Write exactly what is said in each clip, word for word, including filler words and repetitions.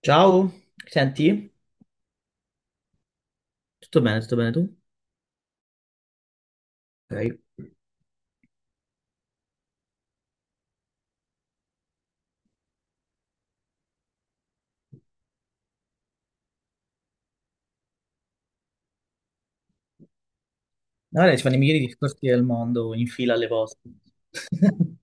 Ciao, senti? Tutto bene, tutto bene tu? Ok. Guarda, ci fanno i migliori discorsi del mondo in fila alle vostre.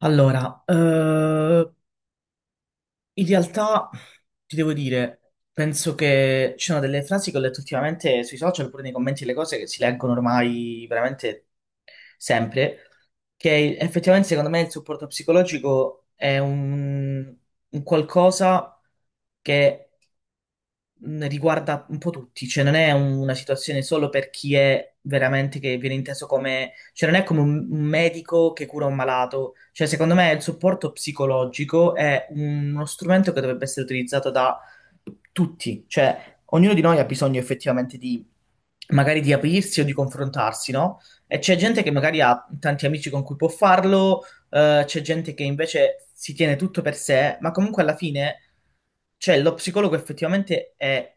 Allora, eh, in realtà ti devo dire, penso che ci sono delle frasi che ho letto ultimamente sui social, pure nei commenti, le cose che si leggono ormai veramente sempre, che effettivamente secondo me il supporto psicologico è un, un qualcosa che mh, riguarda un po' tutti, cioè non è un- una situazione solo per chi è veramente che viene inteso come, cioè non è come un, un medico che cura un malato, cioè secondo me il supporto psicologico è uno strumento che dovrebbe essere utilizzato da tutti, cioè ognuno di noi ha bisogno effettivamente di magari di aprirsi o di confrontarsi, no? E c'è gente che magari ha tanti amici con cui può farlo eh, c'è gente che invece si tiene tutto per sé, ma comunque alla fine, cioè, lo psicologo effettivamente è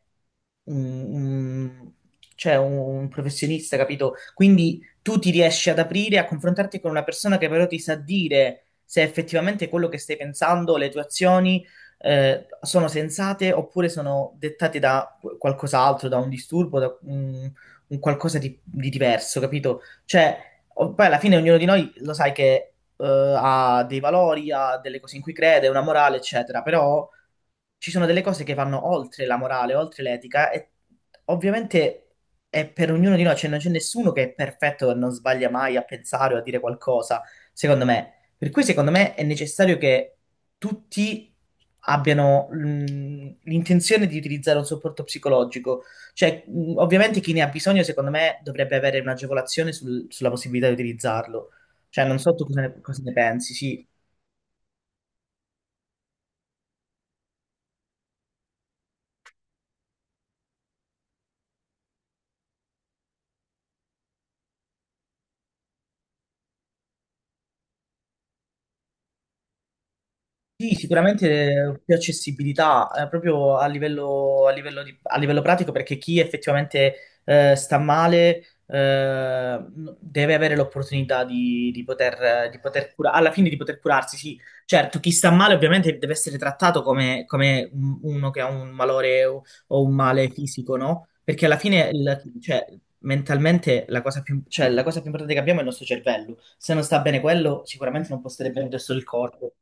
un, un- cioè, un professionista, capito? Quindi tu ti riesci ad aprire, a confrontarti con una persona che però ti sa dire se effettivamente quello che stai pensando, le tue azioni, eh, sono sensate oppure sono dettate da qu- qualcos'altro, da un disturbo, da un, un qualcosa di, di diverso, capito? Cioè, o- poi alla fine ognuno di noi lo sai che eh, ha dei valori, ha delle cose in cui crede, una morale, eccetera, però ci sono delle cose che vanno oltre la morale, oltre l'etica e ovviamente è per ognuno di noi, cioè non c'è nessuno che è perfetto e non sbaglia mai a pensare o a dire qualcosa, secondo me. Per cui secondo me è necessario che tutti abbiano mm, l'intenzione di utilizzare un supporto psicologico. Cioè, mm, ovviamente chi ne ha bisogno, secondo me, dovrebbe avere un'agevolazione sul- sulla possibilità di utilizzarlo. Cioè, non so tu cosa ne, cosa ne pensi, sì, sì, sicuramente eh, più accessibilità, eh, proprio a livello, a livello di- a livello pratico, perché chi effettivamente eh, sta male eh, deve avere l'opportunità di, di poter, di poter cura- alla fine di poter curarsi, sì. Certo, chi sta male ovviamente deve essere trattato come, come un- uno che ha un malore o, o un male fisico, no? Perché alla fine, il- cioè, mentalmente la cosa più, cioè, la cosa più importante che abbiamo è il nostro cervello. Se non sta bene quello, sicuramente non può stare bene il resto del corpo.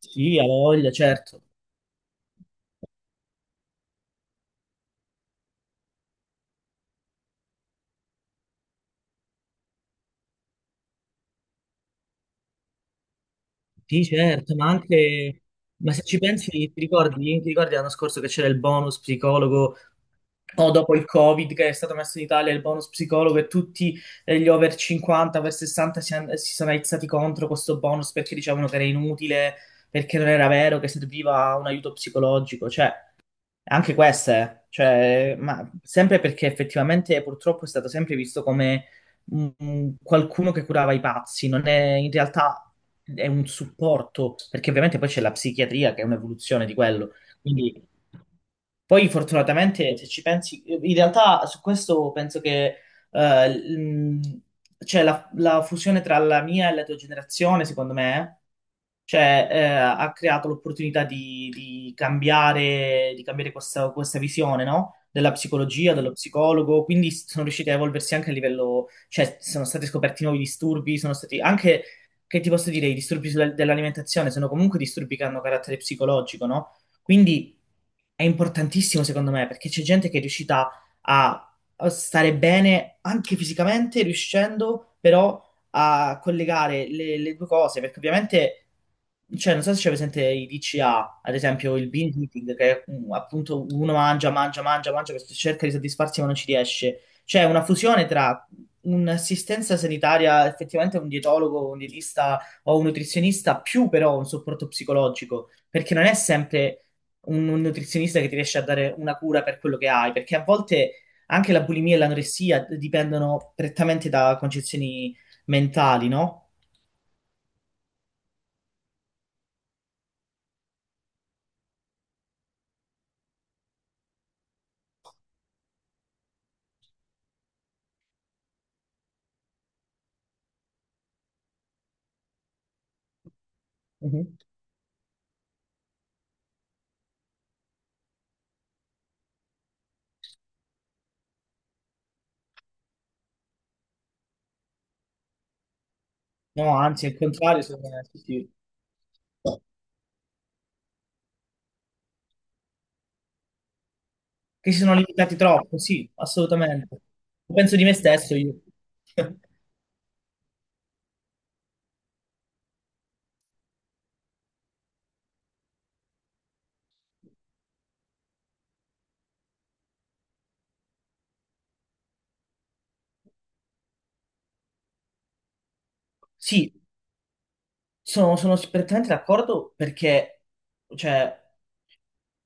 Sì, ha voglia, certo. Sì, certo, ma anche... Ma se ci pensi, ti ricordi, ti ricordi l'anno scorso che c'era il bonus psicologo, o dopo il Covid che è stato messo in Italia, il bonus psicologo e tutti eh, gli over cinquanta, over sessanta si, han- si sono aizzati contro questo bonus perché dicevano che era inutile, perché non era vero, che serviva un aiuto psicologico. Cioè, anche queste, cioè, ma sempre perché effettivamente purtroppo è stato sempre visto come mm, qualcuno che curava i pazzi, non è in realtà è un supporto, perché ovviamente poi c'è la psichiatria che è un'evoluzione di quello. Quindi poi fortunatamente se ci pensi, in realtà su questo penso che eh, l- mh, cioè la, la fusione tra la mia e la tua generazione, secondo me, cioè, eh, ha creato l'opportunità di, di cambiare, di cambiare questa, questa visione, no? Della psicologia, dello psicologo, quindi s- sono riusciti a evolversi anche a livello, cioè sono stati scoperti nuovi disturbi, sono stati anche, che ti posso dire, i disturbi sulla- dell'alimentazione sono comunque disturbi che hanno carattere psicologico, no? Quindi è importantissimo secondo me perché c'è gente che è riuscita a a stare bene anche fisicamente, riuscendo però a collegare le, le due cose, perché ovviamente, cioè, non so se c'è presente i D C A, ad esempio il binge eating, che è, mm, appunto uno mangia, mangia, mangia, mangia, perché cerca di soddisfarsi ma non ci riesce. C'è una fusione tra un'assistenza sanitaria, effettivamente un dietologo, un dietista o un nutrizionista, più però un supporto psicologico, perché non è sempre un, un nutrizionista che ti riesce a dare una cura per quello che hai, perché a volte anche la bulimia e l'anoressia dipendono prettamente da concezioni mentali, no? Mhm. No, anzi, al contrario, secondo me, sì, sì. Che si sono limitati troppo, sì, assolutamente. Penso di me stesso io. Sì, sono, sono perfettamente d'accordo perché, cioè,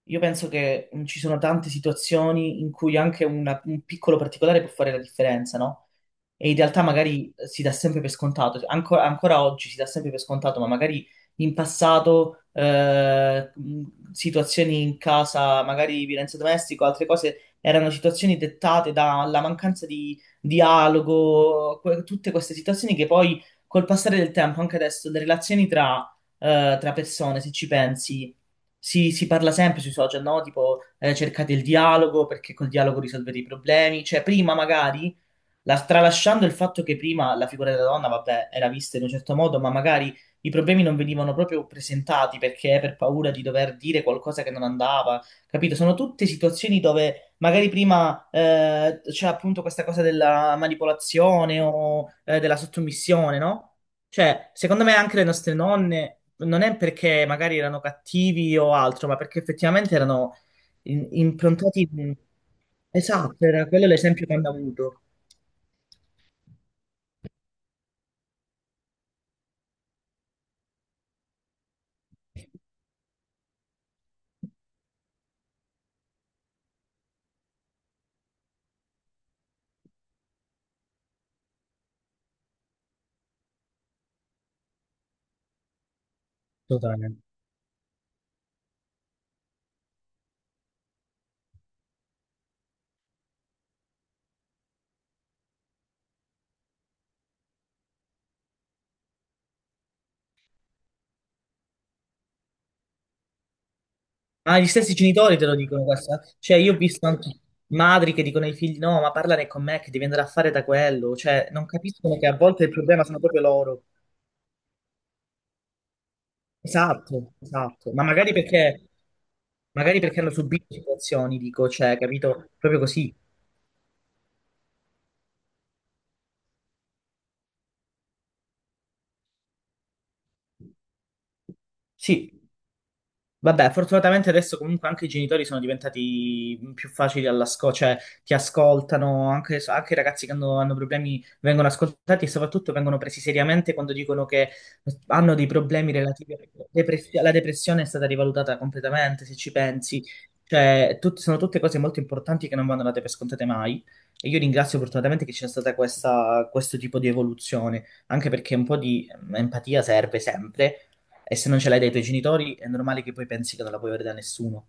io penso che mm, ci sono tante situazioni in cui anche una- un piccolo particolare può fare la differenza, no? E in realtà magari si dà sempre per scontato, anco- ancora oggi si dà sempre per scontato, ma magari in passato eh, mh, situazioni in casa, magari violenza domestica o altre cose, erano situazioni dettate dalla mancanza di dialogo, que- tutte queste situazioni che poi col passare del tempo, anche adesso, le relazioni tra, eh, tra persone, se ci pensi, si, si parla sempre sui social, no? Tipo, eh, cercate il dialogo perché col dialogo risolvete i problemi. Cioè, prima magari la- tralasciando il fatto che prima la figura della donna, vabbè, era vista in un certo modo, ma magari i problemi non venivano proprio presentati perché per paura di dover dire qualcosa che non andava, capito? Sono tutte situazioni dove magari prima eh, c'è appunto questa cosa della manipolazione o eh, della sottomissione, no? Cioè, secondo me anche le nostre nonne non è perché magari erano cattivi o altro, ma perché effettivamente erano in- improntati... Esatto, era quello l'esempio che hanno avuto. Totalmente. Ah, gli stessi genitori te lo dicono questa. Cioè, io ho visto anche madri che dicono ai figli: no, ma parlane con me che devi andare a fare da quello. Cioè, non capiscono che a volte il problema sono proprio loro. Esatto, esatto. Ma magari perché, magari perché hanno subito situazioni, dico, cioè, capito? Proprio così. Sì. Vabbè, fortunatamente adesso comunque anche i genitori sono diventati più facili all'ascolto, cioè ti ascoltano, anche, anche i ragazzi che hanno, hanno problemi vengono ascoltati e soprattutto vengono presi seriamente quando dicono che hanno dei problemi relativi alla depressione. La depressione è stata rivalutata completamente, se ci pensi. Cioè, tut- sono tutte cose molto importanti che non vanno date per scontate mai. E io ringrazio fortunatamente che c'è stata questa, questo tipo di evoluzione, anche perché un po' di empatia serve sempre e se non ce l'hai dai tuoi genitori, è normale che poi pensi che non la puoi avere da nessuno.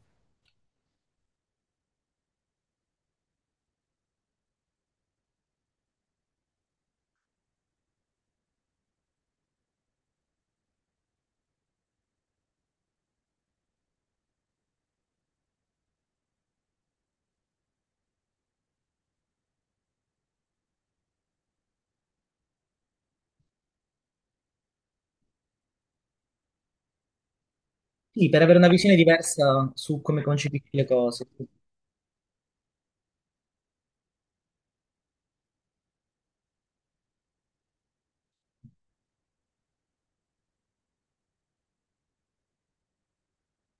Sì, per avere una visione diversa su come concepisci le cose.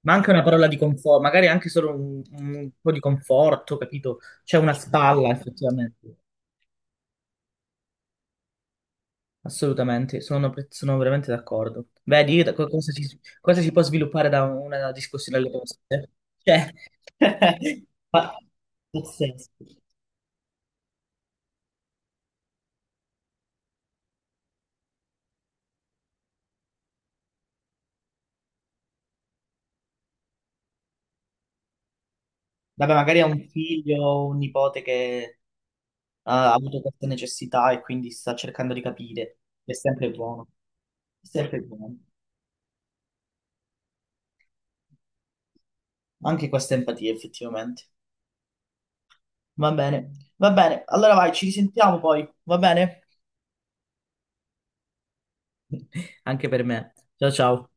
Ma anche una parola di conforto, magari anche solo un, un po' di conforto, capito? C'è una spalla, effettivamente. Assolutamente, sono, pre- sono veramente d'accordo. Vedi co- cosa si, cosa si può sviluppare da una discussione alle cose? Cioè, ma- pazzesco. Vabbè, magari ha un figlio o un nipote che ha avuto questa necessità e quindi sta cercando di capire. È sempre buono, è sempre buono. Anche questa empatia, effettivamente. Va bene, va bene. Allora vai, ci risentiamo poi, va bene? Anche per me. Ciao ciao.